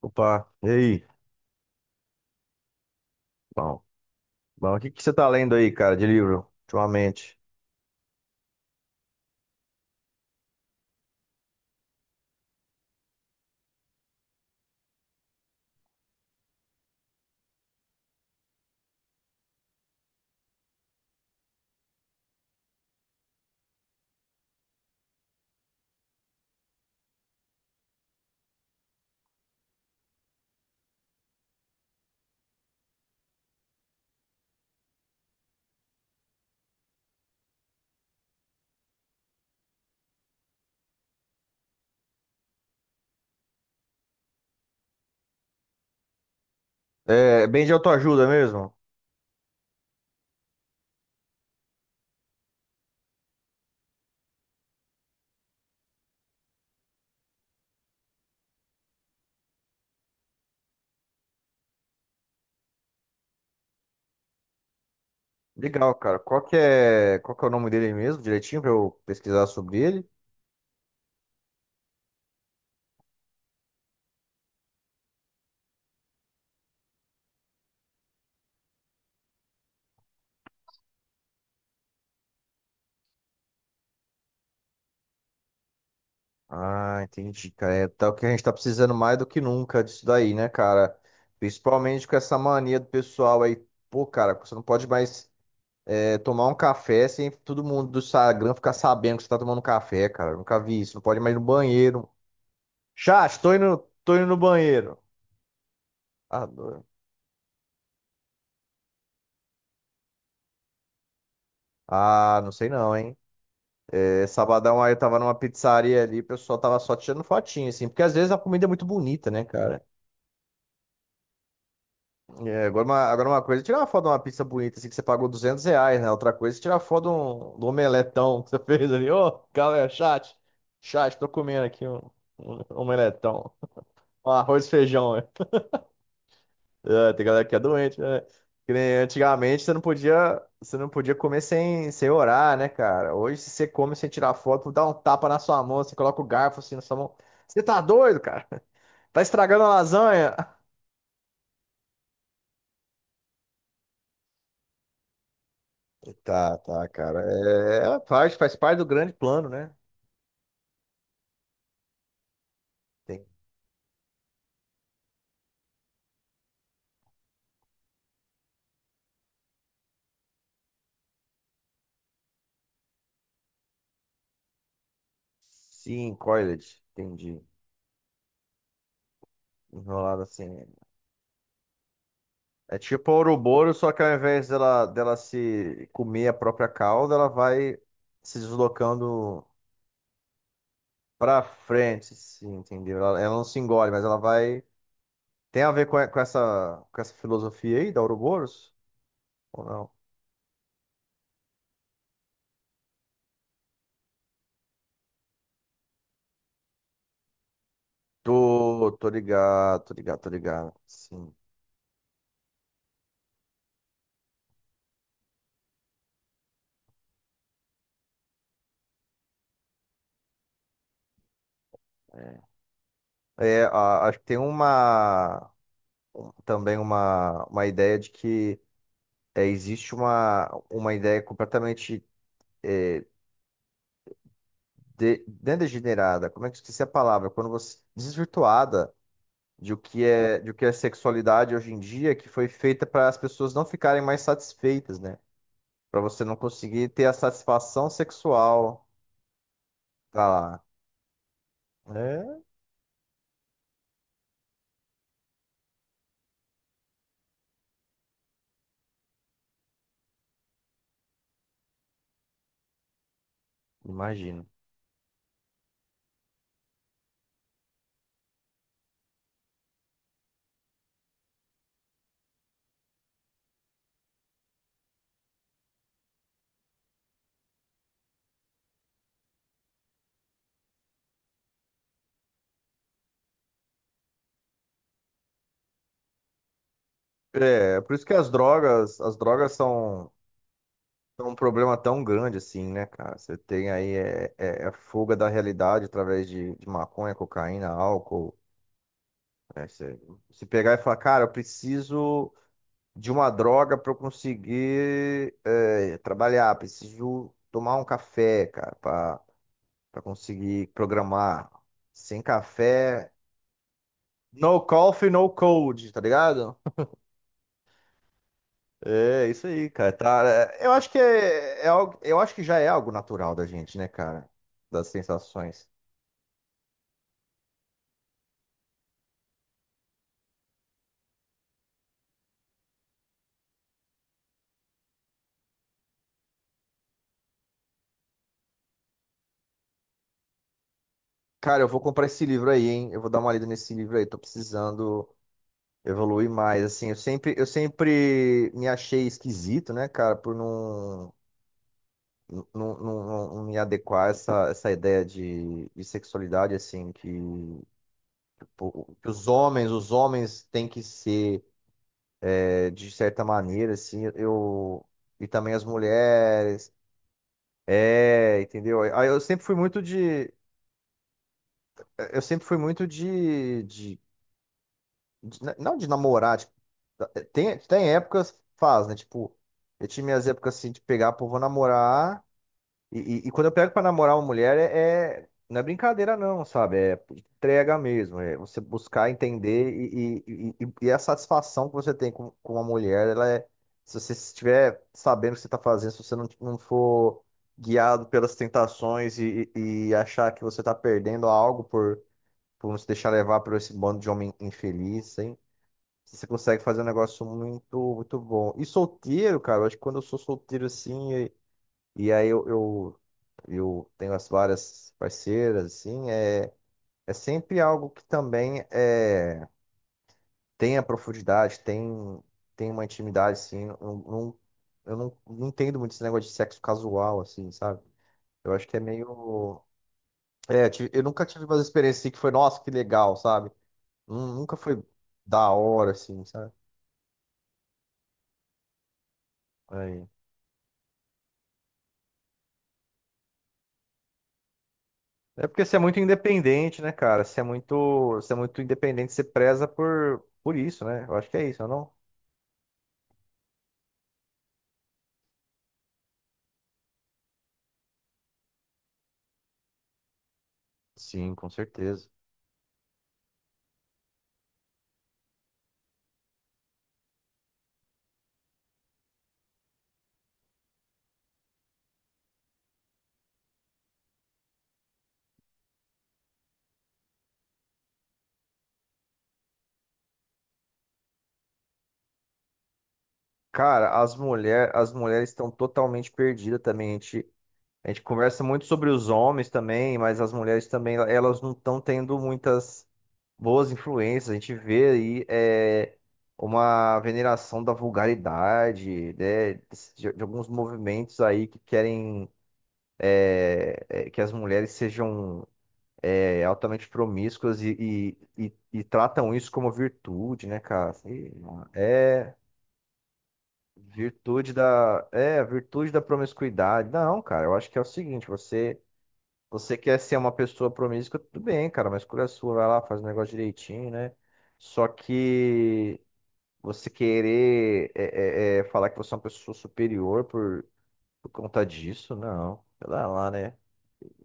Opa, e aí? Bom, bom, o que que você tá lendo aí, cara, de livro, ultimamente? É bem de autoajuda mesmo? Legal, cara. Qual que é o nome dele mesmo, direitinho, pra eu pesquisar sobre ele? Ah, entendi, cara. É tal que a gente tá precisando mais do que nunca disso daí, né, cara? Principalmente com essa mania do pessoal aí. Pô, cara, você não pode mais tomar um café sem todo mundo do Instagram ficar sabendo que você tá tomando café, cara. Eu nunca vi isso. Não pode mais ir no banheiro. Chat, tô indo no banheiro. Ah, doido. Ah, não sei não, hein? É, sabadão aí eu tava numa pizzaria ali, o pessoal tava só tirando fotinho, assim, porque às vezes a comida é muito bonita, né, cara? É, agora, agora uma coisa é tirar uma foto de uma pizza bonita, assim, que você pagou R$ 200, né? Outra coisa é tirar foto do omeletão que você fez ali. Ô, galera, chat, tô comendo aqui um omeletão, um arroz e feijão. É, tem galera que é doente, né? Que nem antigamente você não podia comer sem orar, né, cara? Hoje, se você come sem tirar foto, dá um tapa na sua mão, você coloca o garfo assim na sua mão. Você tá doido, cara? Tá estragando a lasanha? Tá, cara. É, faz parte do grande plano, né? Tem- Sim, coiled, entendi. Enrolado assim. É tipo a Ouroboros, só que ao invés dela se comer a própria cauda, ela vai se deslocando. Pra frente, sim, entendeu? Ela não se engole, mas ela vai. Tem a ver com essa filosofia aí da Ouroboros? Ou não? Tô ligado, tô ligado, tô ligado. Sim. É, É, acho que tem uma. Também uma ideia de que existe uma ideia completamente é, não é degenerada, como é que eu esqueci a palavra? Quando você desvirtuada de o que é sexualidade hoje em dia, que foi feita para as pessoas não ficarem mais satisfeitas, né? Pra você não conseguir ter a satisfação sexual. Ah, é, imagino. É, por isso que as drogas são um problema tão grande assim, né, cara? Você tem aí a fuga da realidade através de maconha, cocaína, álcool. Né? Você se pegar e falar, cara, eu preciso de uma droga pra eu conseguir trabalhar, preciso tomar um café, cara, pra conseguir programar. Sem café. No coffee, no code, tá ligado? É isso aí, cara. Tá, eu acho que é algo, eu acho que já é algo natural da gente, né, cara? Das sensações. Cara, eu vou comprar esse livro aí, hein? Eu vou dar uma lida nesse livro aí. Tô precisando evoluir mais, assim. Eu sempre me achei esquisito, né, cara, por não me adequar a essa ideia de sexualidade, assim, que, pô, que os homens têm que ser. É, de certa maneira, assim, eu. E também as mulheres. É, entendeu? Aí eu sempre fui muito de. Eu sempre fui muito de. Não de namorar. Tipo, tem épocas, faz, né? Tipo, eu tinha minhas épocas assim de pegar, pô, vou namorar. E, e quando eu pego pra namorar uma mulher, não é brincadeira não, sabe? É entrega mesmo. É você buscar entender e a satisfação que você tem com uma mulher, ela é. Se você estiver sabendo o que você está fazendo, se você não for guiado pelas tentações e achar que você está perdendo algo por não se deixar levar por esse bando de homem infeliz, hein? Você consegue fazer um negócio muito, muito bom. E solteiro, cara, eu acho que quando eu sou solteiro assim. E aí eu tenho as várias parceiras, assim, é sempre algo que também tem a profundidade, tem uma intimidade, assim, eu não entendo muito esse negócio de sexo casual, assim, sabe? Eu acho que é meio... É, eu nunca tive umas experiências assim que foi, nossa, que legal, sabe? Nunca foi da hora, assim, sabe? Aí. É porque você é muito independente, né, cara? Você é muito independente, você preza por isso, né? Eu acho que é isso, não? Sim, com certeza. Cara, as mulheres estão totalmente perdidas também. A gente conversa muito sobre os homens também, mas as mulheres também, elas não estão tendo muitas boas influências. A gente vê aí uma veneração da vulgaridade, né, de alguns movimentos aí que querem que as mulheres sejam altamente promíscuas e tratam isso como virtude, né, cara? Sei. É. Virtude da. É, virtude da promiscuidade. Não, cara, eu acho que é o seguinte, você. Você quer ser uma pessoa promíscua, tudo bem, cara, mas escolha sua, vai lá, faz o negócio direitinho, né? Só que você querer falar que você é uma pessoa superior por conta disso, não. Sei lá, né?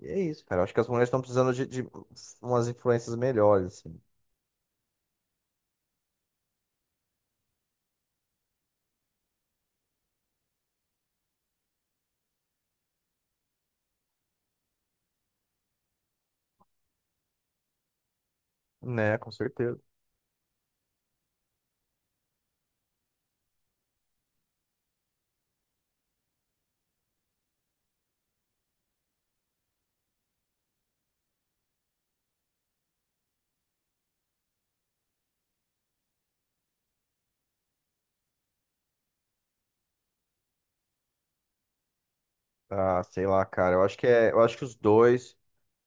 E é isso, cara. Eu acho que as mulheres estão precisando de umas influências melhores, assim. Né, com certeza. Ah, sei lá, cara. Eu acho que os dois.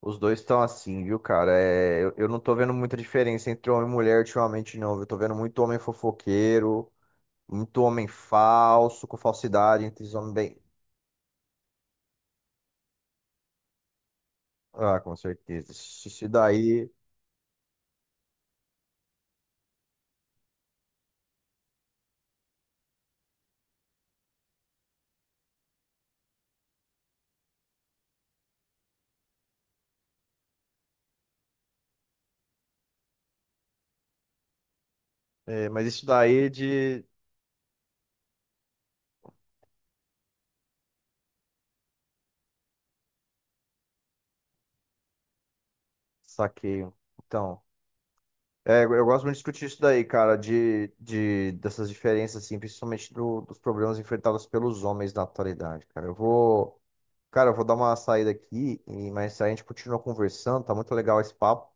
Os dois estão assim, viu, cara? É, eu não tô vendo muita diferença entre homem e mulher ultimamente, não, viu? Eu tô vendo muito homem fofoqueiro, muito homem falso, com falsidade, entre os homens bem. Ah, com certeza. Isso daí. É, mas isso daí de. Saqueio. Então. É, eu gosto muito de discutir isso daí, cara, dessas diferenças, assim, principalmente dos problemas enfrentados pelos homens na atualidade, cara. Eu vou. Cara, eu vou dar uma saída aqui, e mais tarde a gente continua conversando, tá muito legal esse papo.